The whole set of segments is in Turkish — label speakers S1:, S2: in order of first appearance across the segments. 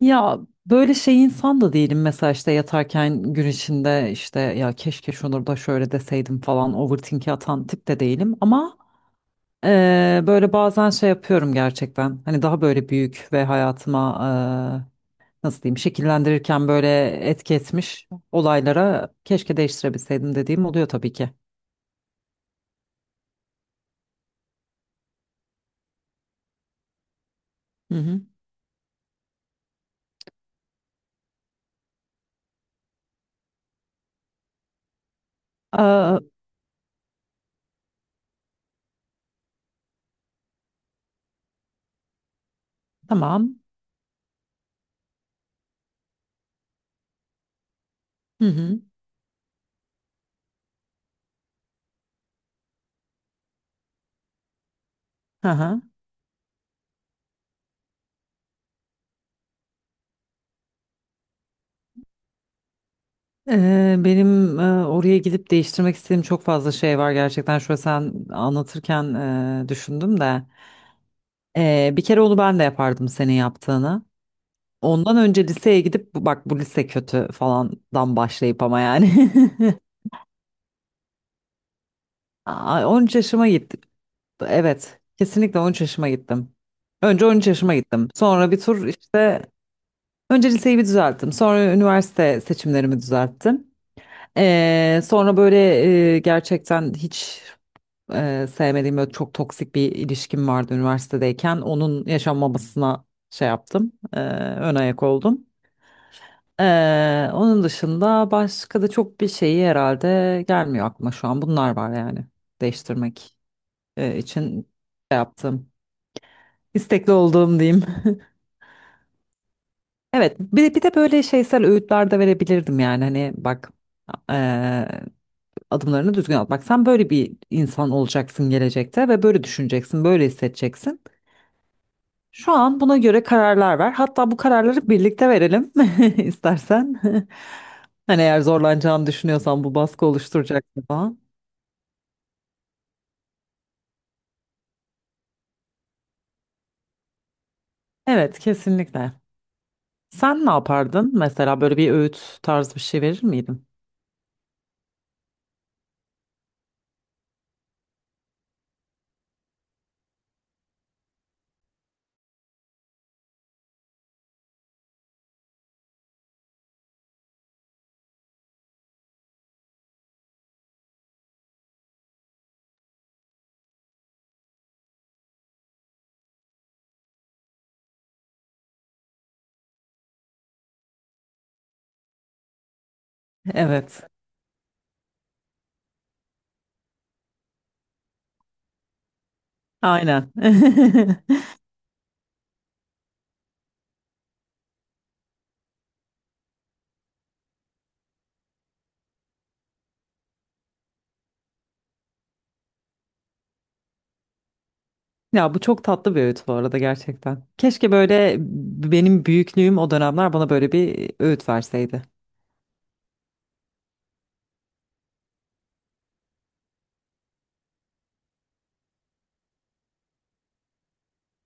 S1: Ya böyle şey insan da değilim mesela işte yatarken gün içinde işte ya keşke şunu da şöyle deseydim falan overthinking atan tip de değilim ama böyle bazen şey yapıyorum gerçekten hani daha böyle büyük ve hayatıma eee, nasıl diyeyim şekillendirirken böyle etki etmiş olaylara keşke değiştirebilseydim dediğim oluyor tabii ki. Hı hı. Aa, tamam. Hı hı. Hı hı. Benim oraya gidip değiştirmek istediğim çok fazla şey var gerçekten. Şöyle sen anlatırken düşündüm de. Bir kere onu ben de yapardım senin yaptığını. Ondan önce liseye gidip bak bu lise kötü falandan başlayıp ama yani. Aa, 13 yaşıma gittim. Evet, kesinlikle 13 yaşıma gittim. Önce on üç yaşıma gittim. Sonra bir tur işte önce liseyi bir düzelttim. Sonra üniversite seçimlerimi düzelttim. Sonra böyle gerçekten hiç sevmediğim böyle çok toksik bir ilişkim vardı üniversitedeyken. Onun yaşanmamasına şey yaptım. Ön ayak oldum. Onun dışında başka da çok bir şeyi herhalde gelmiyor aklıma şu an. Bunlar var yani değiştirmek için şey yaptım. İstekli olduğum diyeyim. Evet, bir de böyle şeysel öğütler de verebilirdim yani hani bak eee, adımlarını düzgün at. Bak sen böyle bir insan olacaksın gelecekte ve böyle düşüneceksin, böyle hissedeceksin. Şu an buna göre kararlar ver. Hatta bu kararları birlikte verelim istersen. Hani eğer zorlanacağını düşünüyorsan bu baskı oluşturacak falan. Evet, kesinlikle. Sen ne yapardın? Mesela böyle bir öğüt tarzı bir şey verir miydin? Evet. Aynen. Ya bu çok tatlı bir öğüt bu arada gerçekten. Keşke böyle benim büyüklüğüm o dönemler bana böyle bir öğüt verseydi.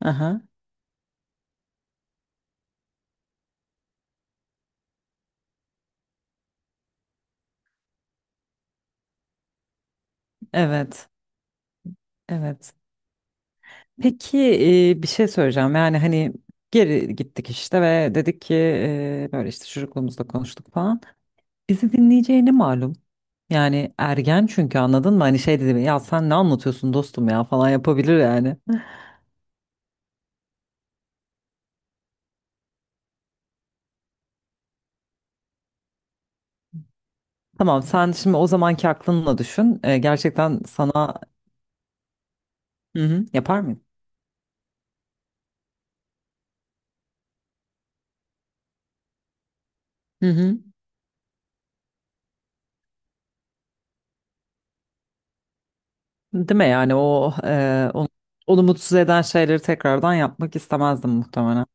S1: Aha, evet. Evet. Peki bir şey söyleyeceğim. Yani hani geri gittik işte ve dedik ki böyle işte çocukluğumuzda konuştuk falan. Bizi dinleyeceğini malum. Yani ergen çünkü anladın mı? Hani şey dedi ya sen ne anlatıyorsun dostum ya falan yapabilir yani. Tamam sen şimdi o zamanki aklınla düşün. Gerçekten sana Hı hı. yapar mıyım? Hı hı. Değil mi yani o onu mutsuz eden şeyleri tekrardan yapmak istemezdim muhtemelen.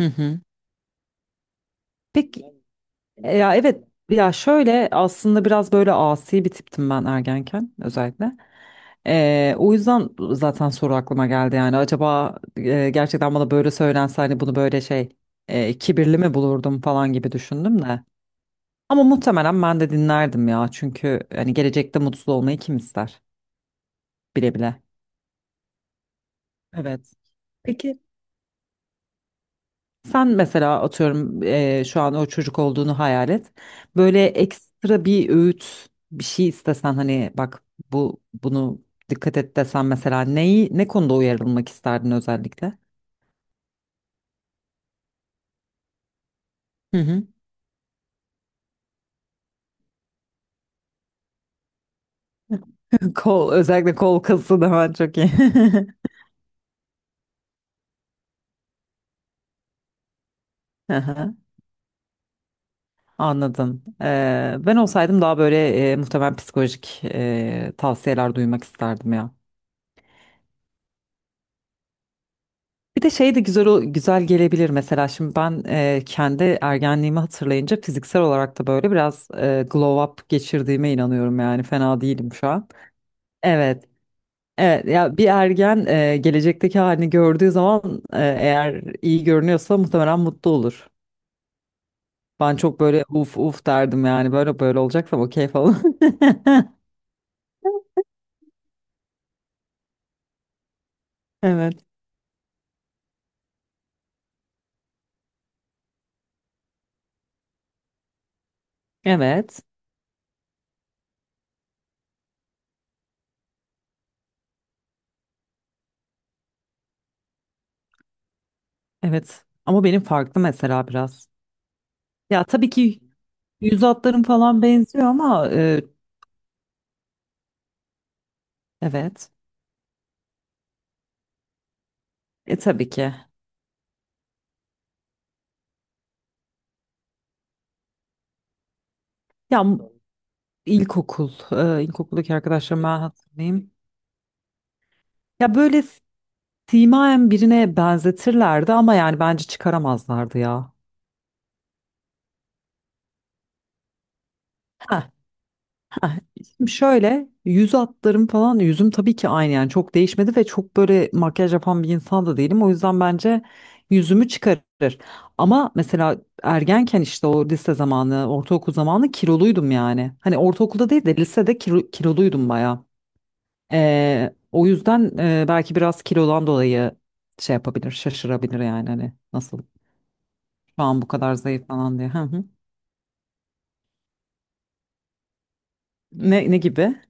S1: Hı hı. Peki evet ya şöyle aslında biraz böyle asi bir tiptim ben ergenken özellikle. O yüzden zaten soru aklıma geldi yani acaba gerçekten bana böyle söylense hani bunu böyle şey kibirli mi bulurdum falan gibi düşündüm de. Ama muhtemelen ben de dinlerdim ya çünkü hani gelecekte mutsuz olmayı kim ister bile bile. Evet. Peki sen mesela atıyorum şu an o çocuk olduğunu hayal et. Böyle ekstra bir öğüt bir şey istesen hani bak bunu dikkat et desen mesela neyi ne konuda uyarılmak isterdin özellikle? Hı hı. Kol özellikle kol kası da ben çok iyi. Hı hı, anladım. Ben olsaydım daha böyle muhtemelen psikolojik tavsiyeler duymak isterdim ya. Bir de şey de güzel güzel gelebilir mesela şimdi ben kendi ergenliğimi hatırlayınca fiziksel olarak da böyle biraz glow up geçirdiğime inanıyorum yani fena değilim şu an. Evet. Evet ya bir ergen gelecekteki halini gördüğü zaman eğer iyi görünüyorsa muhtemelen mutlu olur. Ben çok böyle uf uf derdim yani böyle böyle olacaksam okey falan. Evet. Evet. Evet. Ama benim farklı mesela biraz. Ya tabii ki yüz hatlarım falan benziyor ama evet. E tabii ki. Ya m- ilkokul, ilkokuldaki arkadaşlarımı ben hatırlayayım. Ya böyle simayen birine benzetirlerdi ama yani bence çıkaramazlardı ya. Heh, heh. Şimdi şöyle yüz hatlarım falan yüzüm tabii ki aynı yani çok değişmedi ve çok böyle makyaj yapan bir insan da değilim. O yüzden bence yüzümü çıkarır. Ama mesela ergenken işte o lise zamanı, ortaokul zamanı kiloluydum yani. Hani ortaokulda değil de lisede kiloluydum bayağı. O yüzden belki biraz kilodan dolayı şey yapabilir, şaşırabilir yani hani nasıl şu an bu kadar zayıf falan diye. Hı hı. Ne gibi?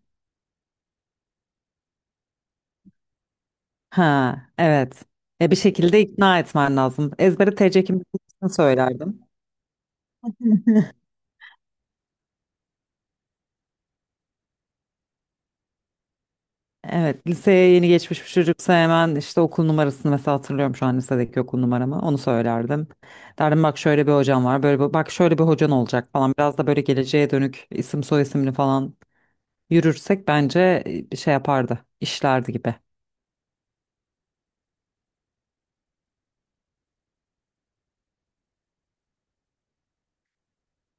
S1: Ha, evet. Bir şekilde ikna etmen lazım. Ezbere TC kimliğini söylerdim. Evet, liseye yeni geçmiş bir çocuksa hemen işte okul numarasını mesela hatırlıyorum şu an lisedeki okul numaramı. Onu söylerdim. Derdim bak şöyle bir hocam var, böyle bak şöyle bir hocan olacak falan. Biraz da böyle geleceğe dönük isim soy isimli falan yürürsek bence bir şey yapardı, işlerdi gibi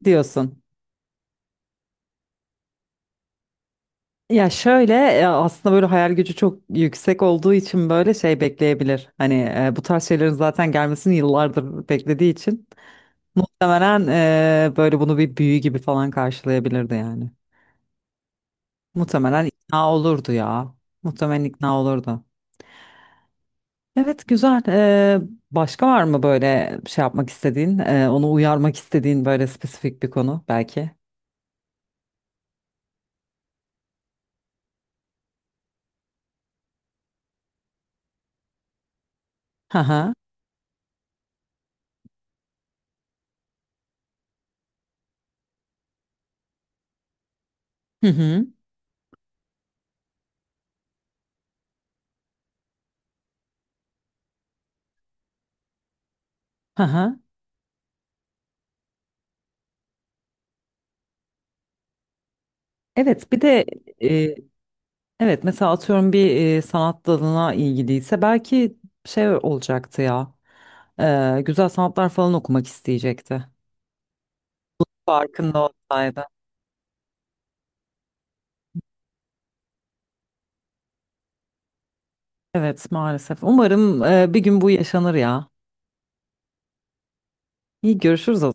S1: diyorsun. Ya şöyle aslında böyle hayal gücü çok yüksek olduğu için böyle şey bekleyebilir. Hani bu tarz şeylerin zaten gelmesini yıllardır beklediği için muhtemelen böyle bunu bir büyü gibi falan karşılayabilirdi yani. Muhtemelen ikna olurdu ya. Muhtemelen ikna olurdu. Evet, güzel. Başka var mı böyle şey yapmak istediğin, onu uyarmak istediğin böyle spesifik bir konu belki? Hı hı. Hı hı. Hı hı. Evet bir de e, evet mesela atıyorum bir sanat dalına ilgiliyse belki şey olacaktı ya güzel sanatlar falan okumak isteyecekti. Farkında olsaydı. Evet maalesef umarım bir gün bu yaşanır ya. İyi görüşürüz o